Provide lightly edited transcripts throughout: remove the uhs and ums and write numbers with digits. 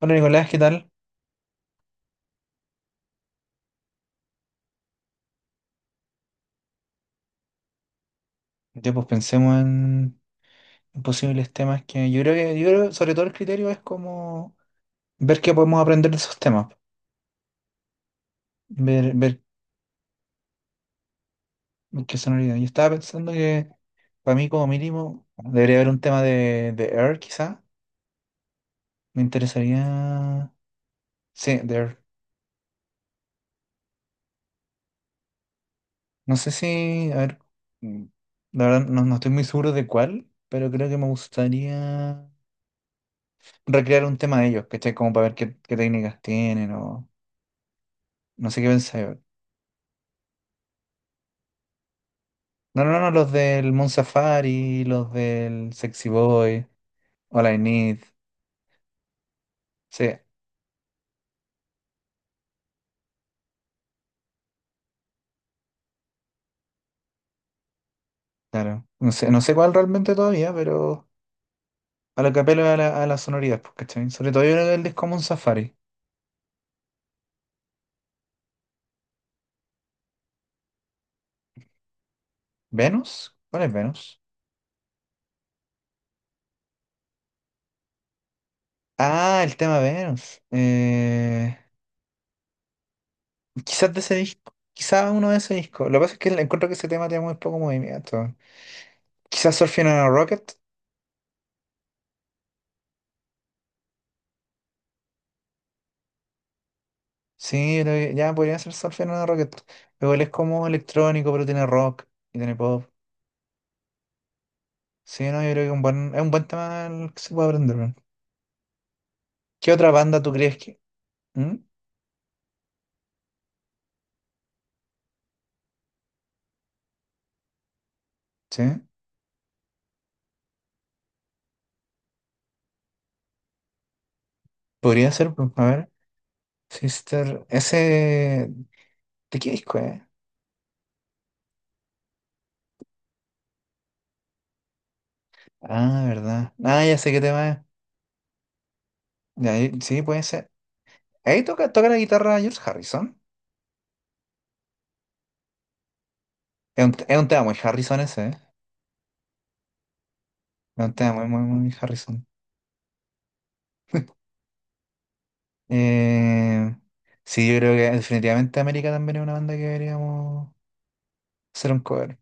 Bueno, Nicolás, ¿qué tal? Ya pues pensemos en posibles temas que, yo creo, sobre todo el criterio es como ver qué podemos aprender de esos temas, ver qué sonoridad. Yo estaba pensando que para mí como mínimo debería haber un tema de Air quizá. Me interesaría... Sí, de Air. No sé si... A ver, mm, la verdad no estoy muy seguro de cuál, pero creo que me gustaría recrear un tema de ellos, ¿cachai? Como para ver qué, qué técnicas tienen o... No sé qué pensáis. No, no, no, los del Moon Safari, los del Sexy Boy, All I Need. Sí, claro. No sé, no sé cuál realmente todavía, pero a lo que apelo es a la sonoridad, pues, ¿cachai? Sobre todo yo creo que el disco Moon Safari. ¿Venus? ¿Cuál es Venus? Ah, el tema Venus. Quizás de ese disco. Quizás uno de ese disco. Lo que pasa es que encuentro que ese tema tiene muy poco movimiento. Quizás Surfing on a Rocket. Sí, yo creo que ya podría ser Surfing on a Rocket. Pero él es como electrónico, pero tiene rock y tiene pop. Sí, no, yo creo que un buen, es un buen tema el que se puede aprender, weón. ¿Qué otra banda tú crees que...? ¿Mm? Sí, podría ser, pues, a ver. Sister, ese... ¿De qué disco es? Ah, verdad. Ah, ya sé qué tema es. Ya, y- sí, puede ser. Ahí toca, toca la guitarra George Harrison. Es un tema muy Harrison ese, ¿eh? Es un tema muy, muy, muy Harrison. Eh, sí, yo creo que definitivamente América también es una banda que deberíamos hacer un cover.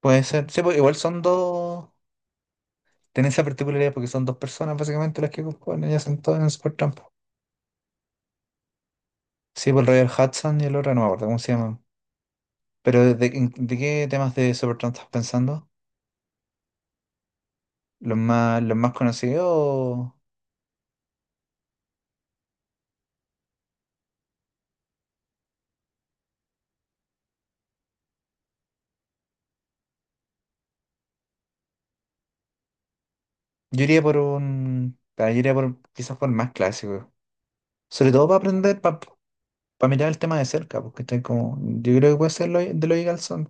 Puede ser. Sí, pues, igual son dos... Tiene esa particularidad porque son dos personas básicamente las que componen, ellas son todas en Supertramp. Sí, por el Royal Hudson y el otro no me acuerdo cómo se llaman. Pero de qué temas de Supertramp estás pensando? Los más conocidos? O- Yo iría por un... ah, yo iría por quizás por el más clásico. Sobre todo para aprender, para, mirar el tema de cerca, porque estoy como... Yo creo que puede ser lo, de Logical Song,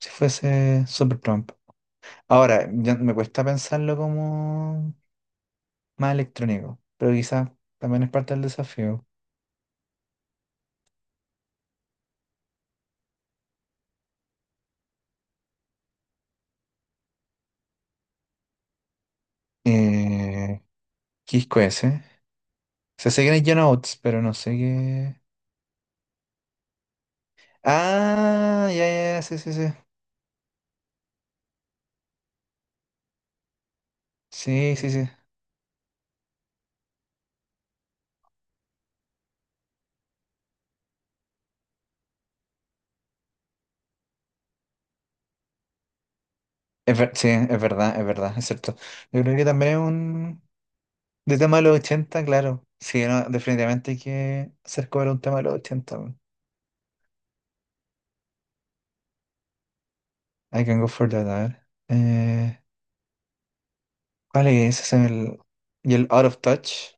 si fuese Supertramp. Ahora, ya me cuesta pensarlo como más electrónico, pero quizás también es parte del desafío. Eh, ¿Qué disco es ese? Se sé que es John Oates, pero no sé qué. Ah, ya, ya, ya, sí, sí, sí. Sí, sí, sí. Es ver- sí, es verdad, es verdad, es cierto. Yo creo que también es un. De tema de los 80 claro. Sí, no, definitivamente hay que hacer cover un tema de los 80 man. I can go for that, a ver. ¿Cuál es? Ese es el. Y el Out of Touch.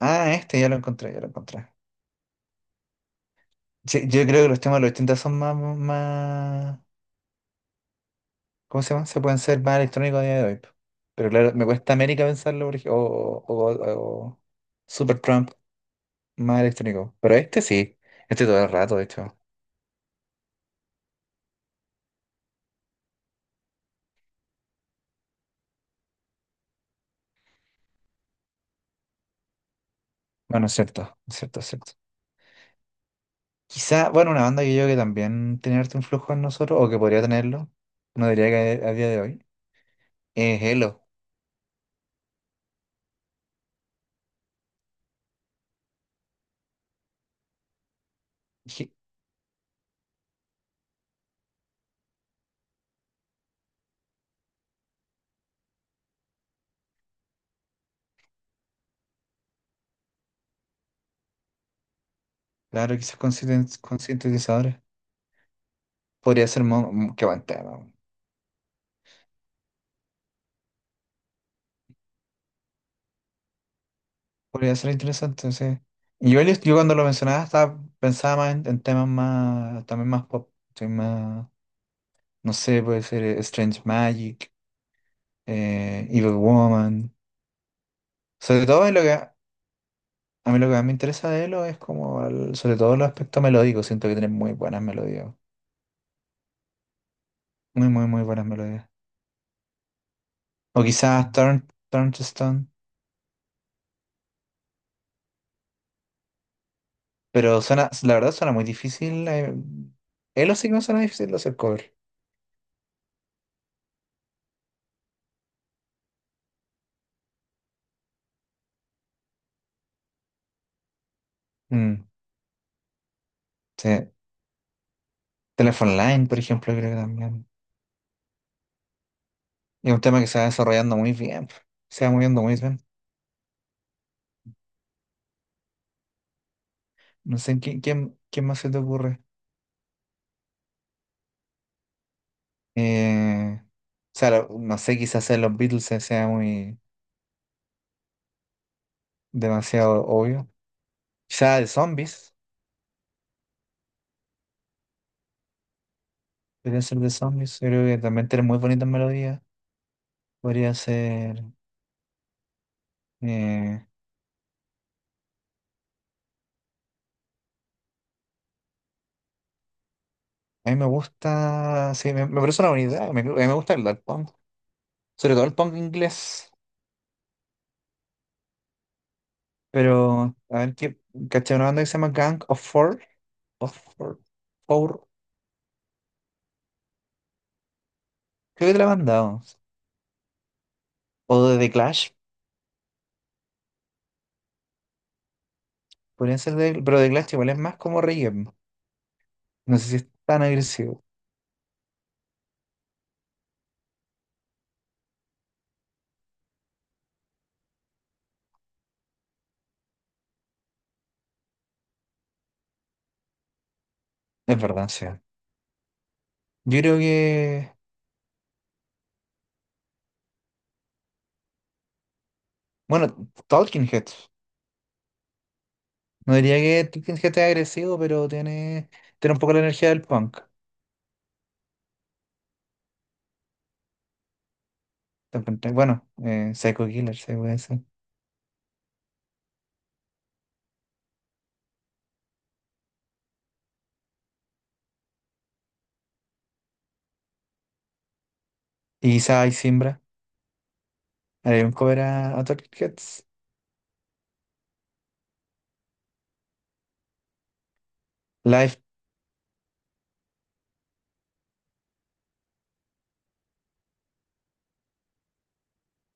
Ah, este ya lo encontré, ya lo encontré. Sí, yo creo que los temas de los 80 son más, más. ¿Cómo se llama? Se pueden ser más electrónicos a día de hoy. Po. Pero claro, me cuesta América pensarlo, por ej- o Super Trump más electrónico. Pero este sí, este todo el rato, de hecho. Bueno, es cierto, es cierto, es cierto. Quizá, bueno, una banda que yo creo que también tiene harto influjo en nosotros, o que podría tenerlo, no diría que a día de hoy, es Elo. Ji- Claro, quizás con sintetiz- con sintetizadores. Podría ser Mon- que buen tema. Podría ser interesante, sí. Y yo cuando lo mencionaba estaba, pensaba más en temas más, también más pop, sí, más, no sé, puede ser Strange Magic, Evil Woman. Sobre todo en lo que, a mí lo que más me interesa de Elo es como, el- sobre todo los aspectos melódicos, siento que tiene muy buenas melodías, muy, muy, muy buenas melodías. O quizás Turn, Turn to Stone, pero suena, la verdad suena muy difícil. Elo sí que me suena difícil de hacer cover. Mm, sí. Telephone Line, por ejemplo, creo que también. Y un tema que se va desarrollando muy bien, pues. Se va moviendo muy bien. No sé, ¿quién, quién, quién más se te ocurre? O sea, lo- no sé, quizás en los Beatles se- sea muy demasiado obvio. Quizás de zombies, podría ser de zombies. Yo creo que también tiene muy bonitas melodías. Podría ser. eh, a mí me gusta. Sí, me parece una buena idea. Me, a mí me gusta el dark punk, sobre todo el punk inglés. Pero, a ver, ¿qué, caché una banda que se llama Gang of Four? Of Four. Four. Creo que te la he mandado. O de The Clash, podrían ser de, pero The Clash igual es más como reggae. No sé si es tan agresivo. Es verdad, sí. Yo creo que. Bueno, Talking Heads. No diría que Talking Heads es agresivo, pero tiene, tiene un poco la energía del punk. Bueno, Psycho Killer, se puede decir. Y quizá hay Simbra. Haré un cover a Talking Heads. Life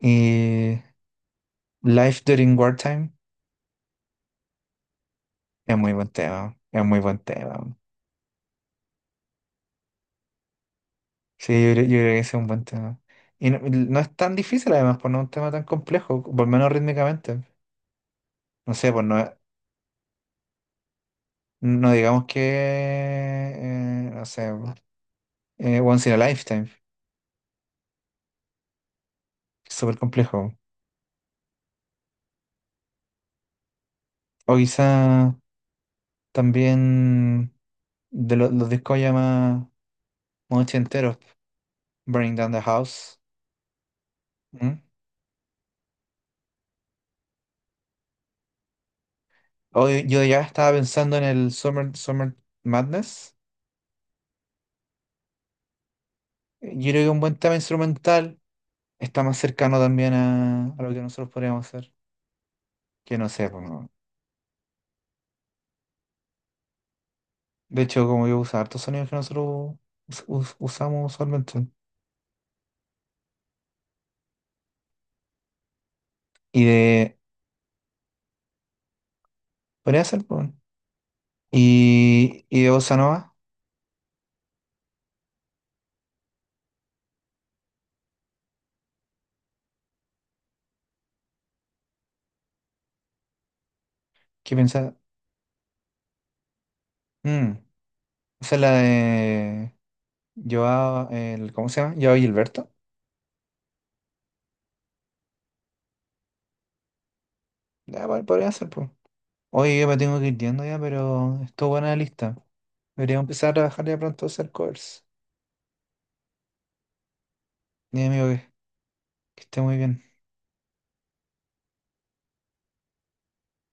y Life During Wartime. Es muy buen tema. Es muy buen tema. Sí, yo creo que ese es un buen tema. Y no, no es tan difícil además, pues no es un tema tan complejo, por lo menos rítmicamente. No sé, pues no, es- no digamos que, no sé, Once in a Lifetime, que es súper complejo. O quizá también de lo- los discos ya más, más ochenteros, Burning Down the House. ¿Mm? O yo ya estaba pensando en el Summer, Summer Madness. Yo creo que un buen tema instrumental está más cercano también a lo que nosotros podríamos hacer. Que no sé, pues, no. De hecho, como yo uso hartos sonidos que nosotros usamos usualmente. Y de. Podría ser, pues. Bueno. Y de Bossa Nova, ¿qué piensas? Mm, esa es la de. Joao, el, ¿cómo se llama? Joao Gilberto. Ya, po- podría ser, pues. Oye, yo me tengo que ir yendo ya, pero estuvo buena la lista. Debería empezar a trabajar ya pronto a hacer covers. Mi amigo, que esté muy bien.